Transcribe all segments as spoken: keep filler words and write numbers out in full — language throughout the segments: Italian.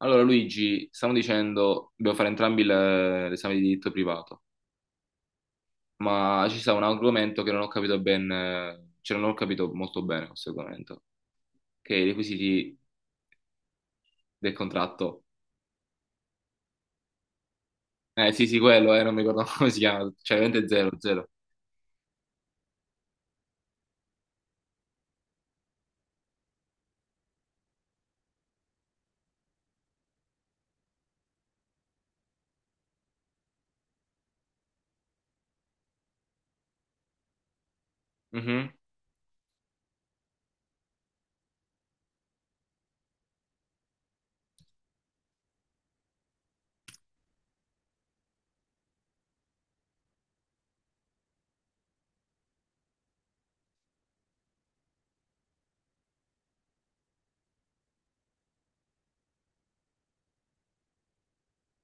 Allora, Luigi, stiamo dicendo, dobbiamo fare entrambi le- l'esame di diritto privato, ma ci sta un argomento che non ho capito ben, eh, cioè non ho capito molto bene questo argomento, che è i requisiti del contratto. Eh sì, sì, quello, eh, non mi ricordo come si chiama, cioè veramente zero, zero. Mhm,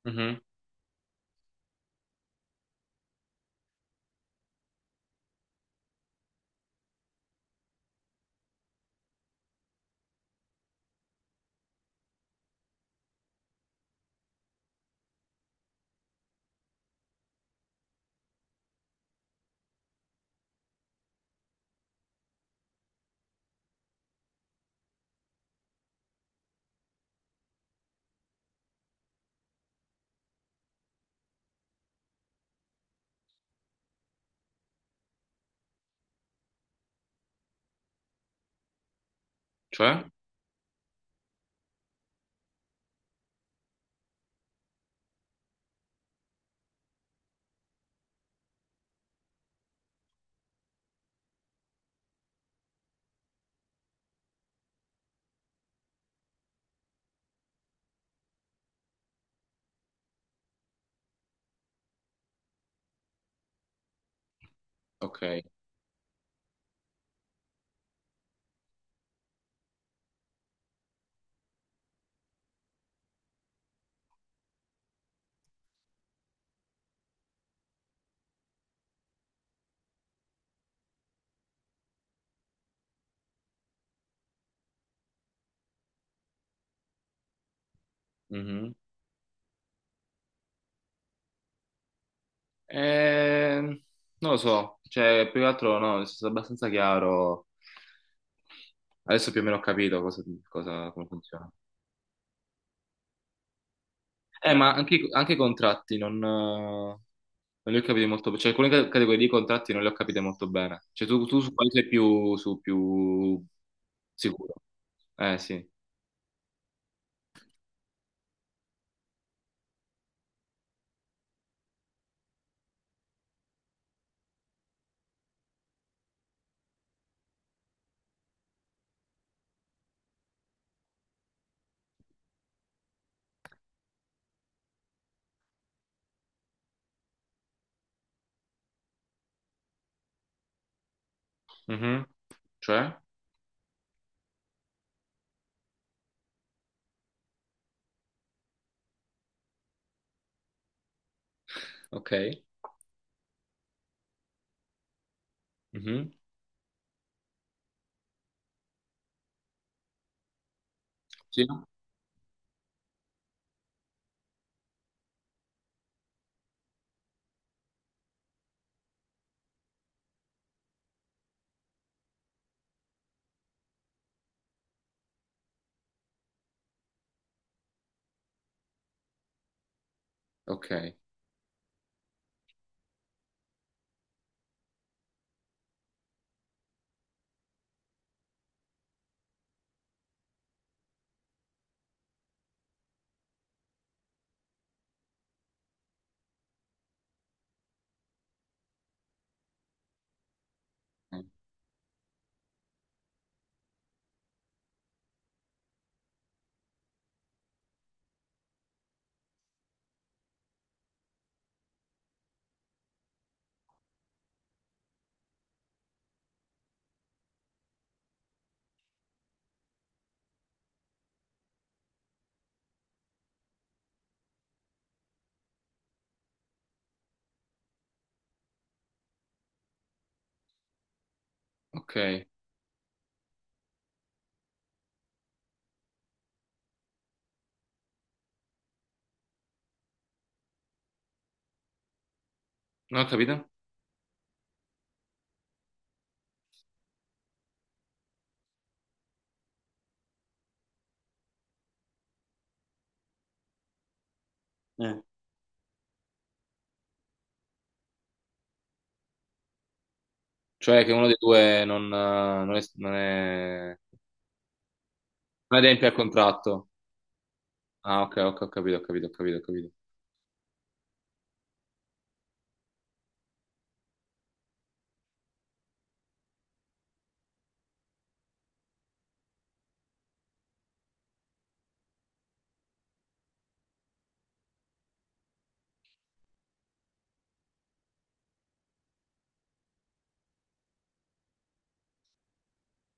mhm. Cioè? Ok. Mhm. Eh, non lo so, cioè più che altro no, è stato abbastanza chiaro. Adesso più o meno ho capito cosa, cosa- come funziona. Eh, ma anche, i- anche i contratti non, eh, non li ho capiti molto bene. Cioè, alcune ca- categorie di contratti non le ho capite molto bene. Cioè, tu, tu su quale sei più, su più sicuro? Eh, sì. Mhm. Cioè? Ok. Mhm. Sì? Ok. Ok. Non ho capito? Eh. Cioè, che uno dei due non, eh, non è, non è- non adempie al contratto. Ah, ok, ok, ho capito, ho capito, ho capito, ho capito.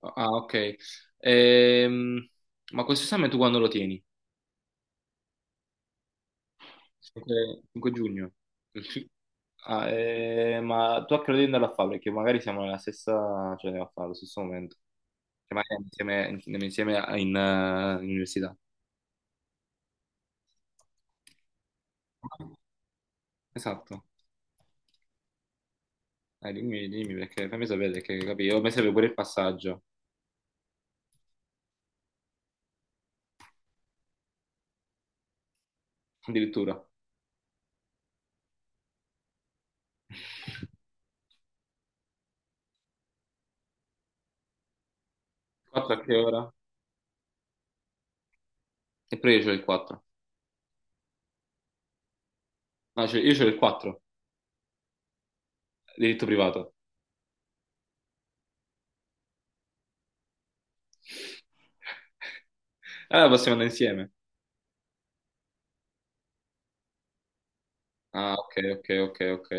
Ah, ok. Ehm, ma questo esame tu quando lo tieni? cinque, cinque giugno. Il ci- Ah, eh, ma tu a che ora devi andare a fare? Perché magari siamo nella stessa, cioè a fare allo stesso momento. Cioè, magari insieme, insieme insieme a- in, eh, in università. Esatto. Dai, dimmi, dimmi, perché fammi sapere che capì. Io mi serve pure il passaggio, addirittura. quattro a che ora? E poi io c'ho il quattro. No, cioè, io c'ho il quattro, diritto privato. Allora possiamo andare insieme. Ah, ok, ok, ok, ok.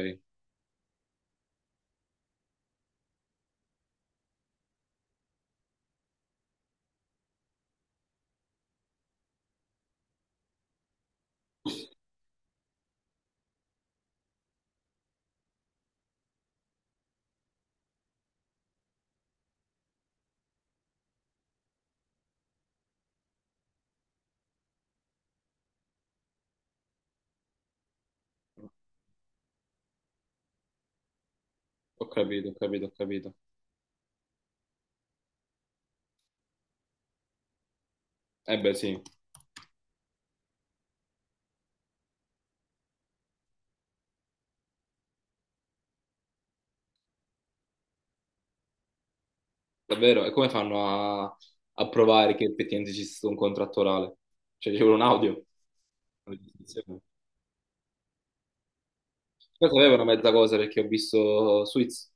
Ho capito, ho capito, ho capito. Eh beh, sì. Davvero? E come fanno a, a provare che effettivamente ci sia stato un contratto orale? Cioè, c'è un audio. Io sapevo una mezza cosa perché ho visto Suits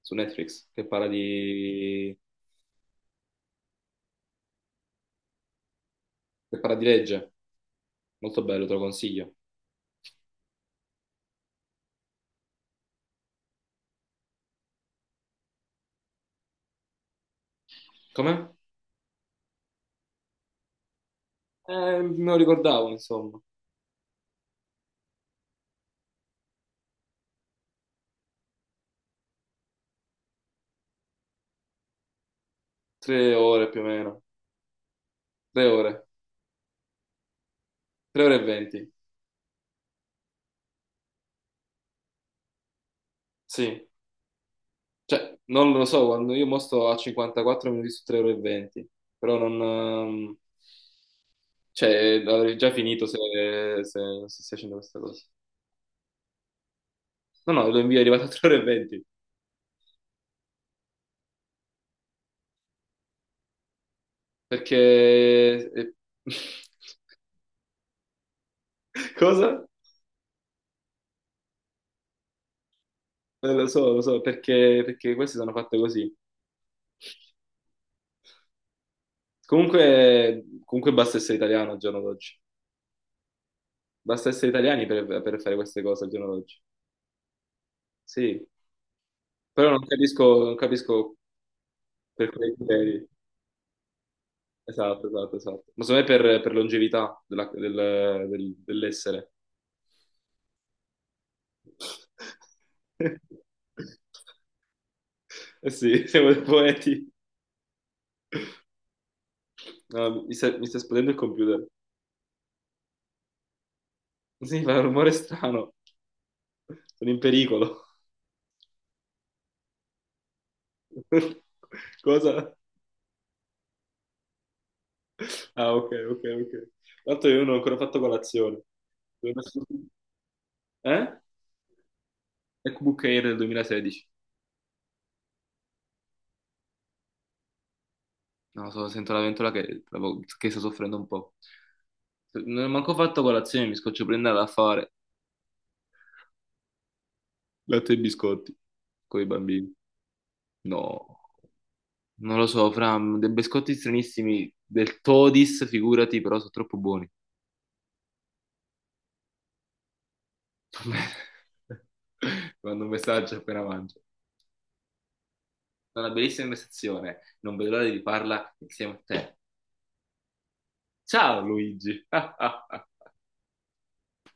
su Netflix che parla di, che parla di legge. Molto bello, te lo consiglio. Com'è? Eh, me lo ricordavo, insomma. Tre ore più o meno. Tre ore. Tre ore e venti. Sì. Cioè, non lo so, quando io mo sto a cinquantaquattro minuti su tre ore e venti. Però non... ehm, Cioè, avrei già finito se, se, se non stessi facendo questa cosa. No, no, lo invio è arrivato a tre ore e venti. Perché... eh, Cosa? Eh, Lo so, lo so, perché, perché queste sono fatte così. Comunque, comunque basta essere italiano al giorno d'oggi. Basta essere italiani per, per fare queste cose al giorno d'oggi. Sì, però non capisco, non capisco per quei criteri. Esatto, esatto, esatto. Ma secondo me per, per longevità della- del- del- dell'essere. Eh sì, siamo dei poeti. No, mi sta, mi sta esplodendo il computer. Sì, fa un rumore strano. Sono in pericolo. Cosa? Ah, ok, ok, ok. Tanto io non ho ancora fatto colazione. Devo messo- Eh? MacBook Air del duemilasedici. No, so- sento la ventola che, che sta soffrendo un po'. Non ho manco fatto colazione, mi scoccio prendere a fare latte e biscotti con i bambini. No. Non lo so, fra mm, dei biscotti stranissimi del Todis, figurati, però sono troppo buoni. Ti mando un messaggio appena mangio. È una bellissima investizione, non vedo l'ora di riparla insieme a te. Ciao Luigi!